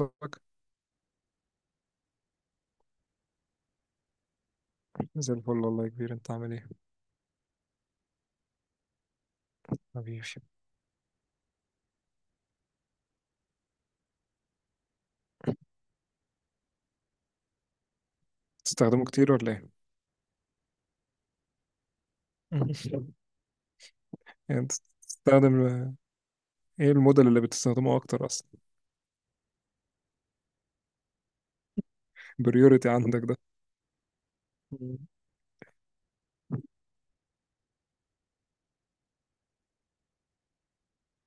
أخبارك؟ زي الفل والله يا كبير، انت عامل ايه؟ حبيبي، بتستخدمه كتير ولا ايه؟ يعني انت بتستخدم، ايه الموديل اللي بتستخدمه اكتر اصلا؟ بريوريتي عندك ده.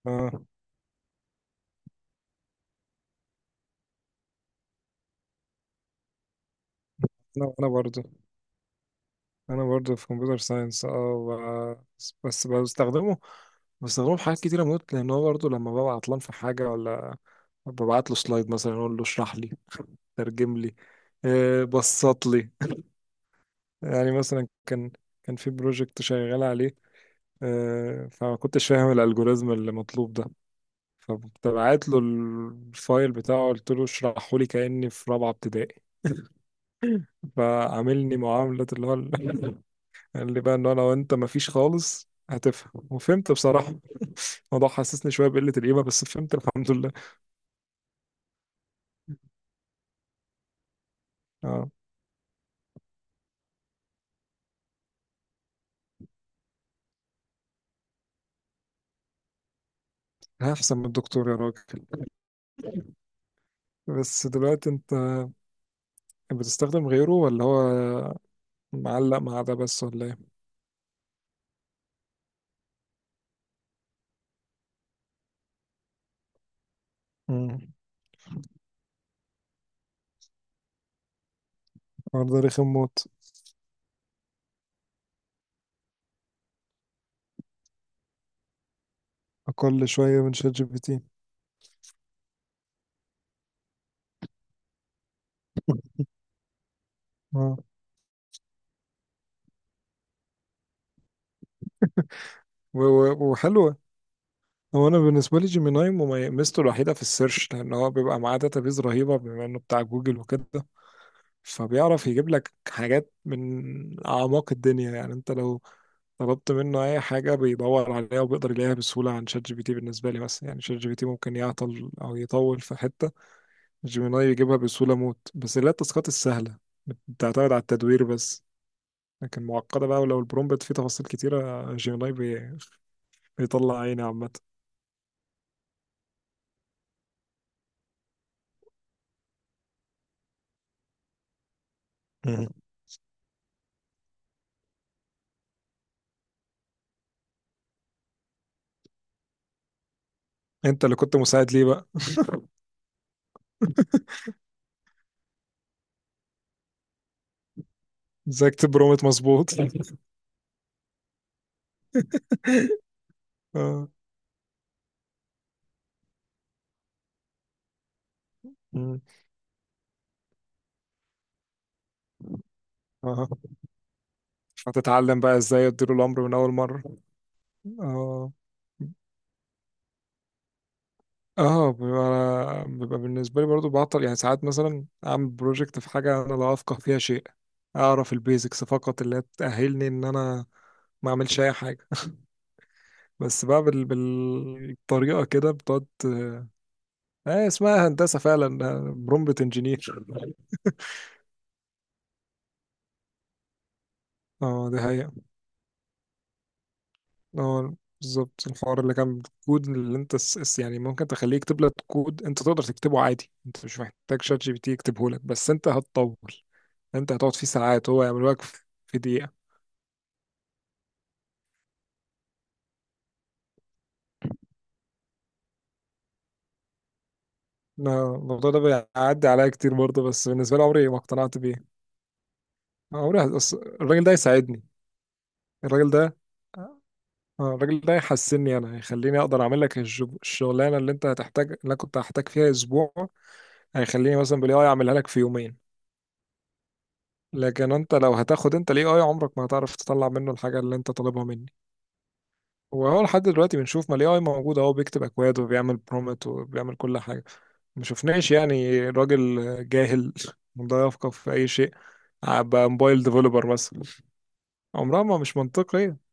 اه، انا انا برضه انا برضه في كمبيوتر ساينس. اه بس بستخدمه في حاجات كتيرة موت، لان هو برضه لما ببقى عطلان في حاجة ولا ببعت له سلايد مثلا اقول له اشرح لي، ترجم لي، بسط لي. يعني مثلا كان في بروجكت شغال عليه، فما كنتش فاهم الالجوريزم اللي مطلوب ده، فكنت بعت له الفايل بتاعه قلت له اشرحه لي كاني في رابعه ابتدائي. فعاملني معامله اللي هو قال لي بقى ان انا وانت مفيش خالص هتفهم، وفهمت بصراحه. الموضوع حسسني شويه بقله القيمه، بس فهمت الحمد لله. اه، هحسن من الدكتور يا راجل. بس دلوقتي انت بتستخدم غيره ولا هو معلق مع ده بس ولا ايه؟ مم. الحوار ده رخم موت، اقل شويه من شات جي بي تي. اه، و- وحلو. هو انا بالنسبه لي جيميناي ميزته الوحيده في السيرش، لان هو بيبقى معاه داتابيز رهيبه بما انه بتاع جوجل وكده. فبيعرف يجيب لك حاجات من اعماق الدنيا، يعني انت لو طلبت منه اي حاجه بيدور عليها وبيقدر يلاقيها بسهوله عن شات جي بي تي بالنسبه لي. مثلا يعني شات جي بي تي ممكن يعطل او يطول في حته، جيميناي يجيبها بسهوله موت، بس اللي هي التاسكات السهله بتعتمد على التدوير بس. لكن معقده بقى، ولو البرومبت فيه تفاصيل كتيره جيميناي بيطلع عيني عامه. مهم. انت اللي كنت مساعد ليه بقى، ازاي اكتب برومت مظبوط. اه. مم. اه، هتتعلم بقى ازاي ادير الامر من اول مره. اه اه، بيبقى بالنسبه لي برضو بعطل، يعني ساعات مثلا اعمل بروجكت في حاجه انا لا افقه فيها شيء. اعرف البيزكس فقط اللي تاهلني ان انا ما اعملش اي حاجه. بس بقى بالطريقه كده بتقعد. اه اسمها هندسه فعلا، برومبت انجينير. اه دي حقيقة. هو بالظبط الحوار اللي كان بالكود، اللي انت يعني ممكن تخليه يكتب لك كود انت تقدر تكتبه عادي، انت مش محتاج شات جي بي تي يكتبه لك، بس انت هتطول. انت هتقعد فيه ساعات، هو يعمله لك في في دقيقة. لا، الموضوع ده بيعدي عليا كتير برضه، بس بالنسبة لي عمري ما اقتنعت بيه. عمري الراجل ده يساعدني. الراجل ده اه الراجل ده يحسني، انا يخليني اقدر اعمل لك الشغلانه اللي انت هتحتاج، اللي انا كنت هحتاج فيها اسبوع هيخليني مثلا بالاي اي اعملها لك في يومين. لكن انت لو هتاخد انت الاي اي عمرك ما هتعرف تطلع منه الحاجه اللي انت طالبها مني. وهو لحد دلوقتي بنشوف ما الاي اي موجود اهو بيكتب اكواد وبيعمل برومت وبيعمل كل حاجه. ما شفناش يعني راجل جاهل لا يفقه في اي شيء ابقى موبايل ديفلوبر مثلا. عمرها ما مش منطقية.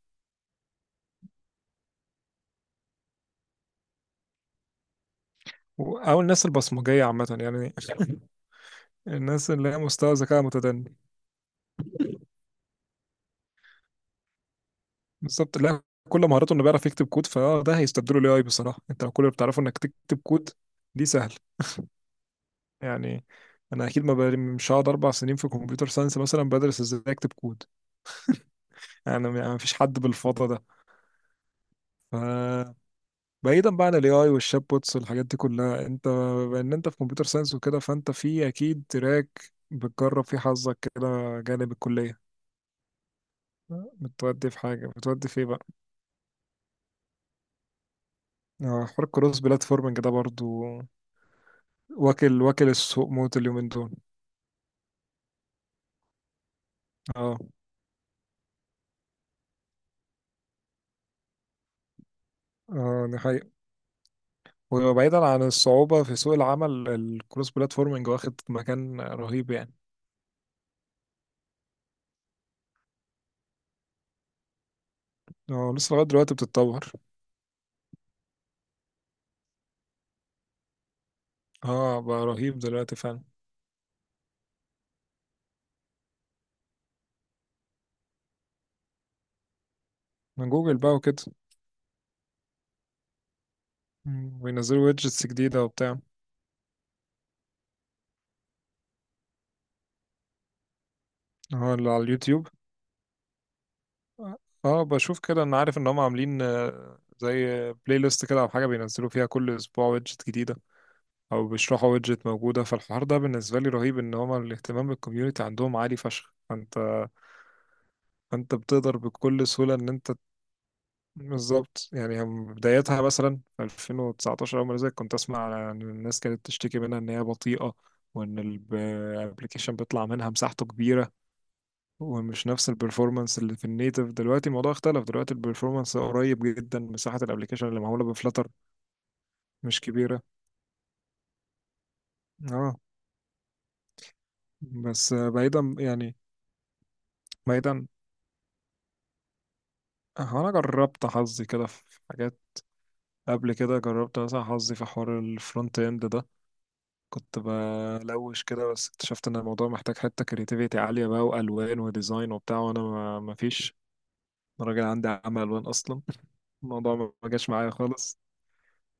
او الناس البصمجية عامة يعني، الناس اللي هي مستوى ذكاء متدني. بالظبط، لا كل مهارته انه بيعرف يكتب كود فده هيستبدله الاي اي بصراحة. انت لو كل اللي بتعرفه انك تكتب كود دي سهل يعني، انا اكيد ما بر- مش هقعد اربع سنين في كمبيوتر ساينس مثلا بدرس ازاي اكتب كود. يعني ما فيش حد بالفضا ده. ف بعيدا بقى عن الاي اي والشات بوتس والحاجات دي كلها، انت بان انت في كمبيوتر ساينس وكده فانت في اكيد تراك بتجرب فيه حظك كده جانب الكلية. بتودي في ايه بقى؟ حوار الكروس بلاتفورمنج ده برضو واكل السوق موت اليومين دول. اه اه دي حقيقة. وبعيدا عن الصعوبة في سوق العمل، الكروس بلاتفورمنج واخد مكان رهيب يعني. اه لسه لغاية دلوقتي بتتطور. اه بقى رهيب دلوقتي فعلا، من جوجل بقى وكده. وينزلوا ويدجتس جديدة وبتاع. اه اللي على اليوتيوب. اه بشوف كده، انا عارف ان هم عاملين زي بلاي ليست كده او حاجة بينزلوا فيها كل اسبوع ويدجت جديدة، او بيشرحوا ويدجت موجودة، فالحوار ده بالنسبة لي رهيب ان هم الاهتمام بالكوميونتي عندهم عالي فشخ. فانت بتقدر بكل سهولة ان انت. بالظبط، يعني هم بدايتها مثلا في 2019، أول ما نزلت كنت أسمع على إن الناس كانت تشتكي منها إن هي بطيئة، وإن الابلكيشن بيطلع منها مساحته كبيرة، ومش نفس البرفورمانس اللي في النيتف. دلوقتي الموضوع اختلف، دلوقتي البرفورمانس قريب جدا، مساحة الابلكيشن اللي معمولة بفلاتر مش كبيرة. اه بس بعيدا هو أنا جربت حظي كده في حاجات. قبل كده جربت مثلا حظي في حوار الفرونت إند ده، كنت بلوش كده، بس اكتشفت ان الموضوع محتاج حتة كرياتيفيتي عالية بقى، والوان وديزاين وبتاع، وانا ما فيش. أنا راجل عندي عمل الوان اصلا. الموضوع ما جاش معايا خالص.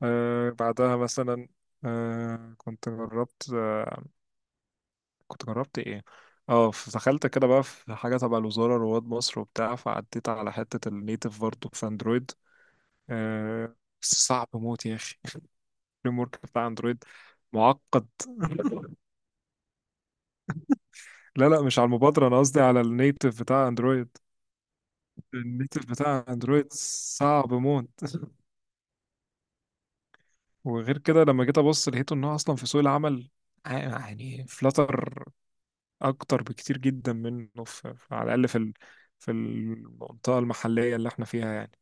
بعدها مثلا، آه كنت جربت كنت جربت ايه. اه دخلت كده بقى في حاجة تبع الوزارة رواد مصر وبتاع، فعديت على حتة النيتف برضه في اندرويد. آه بس صعب موت يا اخي. الفريم ورك بتاع اندرويد معقد. لا لا، مش على المبادرة، انا قصدي على النيتف بتاع اندرويد، الميتر بتاع اندرويد صعب موت. وغير كده لما جيت ابص لقيته ان هو اصلا في سوق العمل يعني فلاتر اكتر بكتير جدا منه على الاقل في في المنطقه المحليه اللي احنا فيها يعني.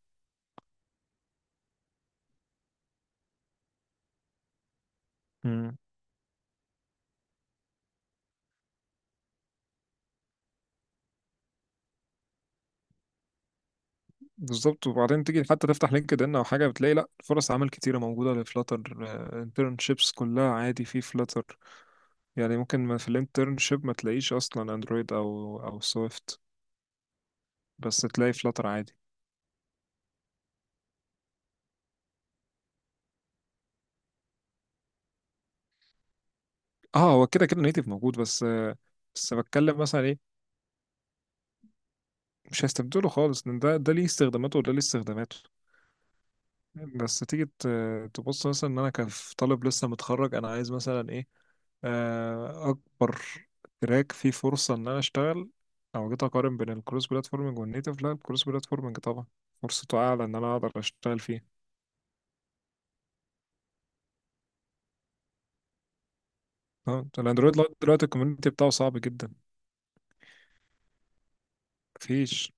مم. بالظبط، وبعدين تيجي حتى تفتح لينكد ان او حاجه بتلاقي، لا فرص عمل كتيره موجوده لفلاتر، انترنشيبس كلها عادي في فلاتر. يعني ممكن، ما في الانترنشيب ما تلاقيش اصلا اندرويد او سويفت، بس تلاقي فلاتر عادي. اه هو كده كده نيتف موجود، بس بتكلم مثلا ايه، مش هيستبدله خالص، ان ده ليه استخداماته وده ليه استخداماته. بس تيجي تبص مثلا ان انا كطالب لسه متخرج انا عايز مثلا ايه، اكبر تراك فيه فرصة ان انا اشتغل، او جيت اقارن بين الكروس بلاتفورمينج والنيتف، لا الكروس بلاتفورمينج طبعا فرصته اعلى ان انا اقدر اشتغل فيه. تمام؟ الاندرويد لغاية دلوقتي الكوميونتي بتاعه صعب جدا، مفيش.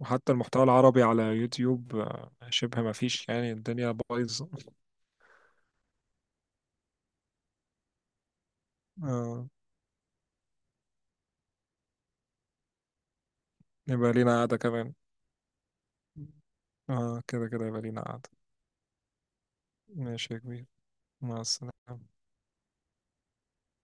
وحتى المحتوى العربي على يوتيوب شبه مفيش يعني الدنيا بايظة. اه، يبقى لينا قعدة كمان. اه كده كده يبقى لينا قعدة. ماشي يا كبير، مع السلامة.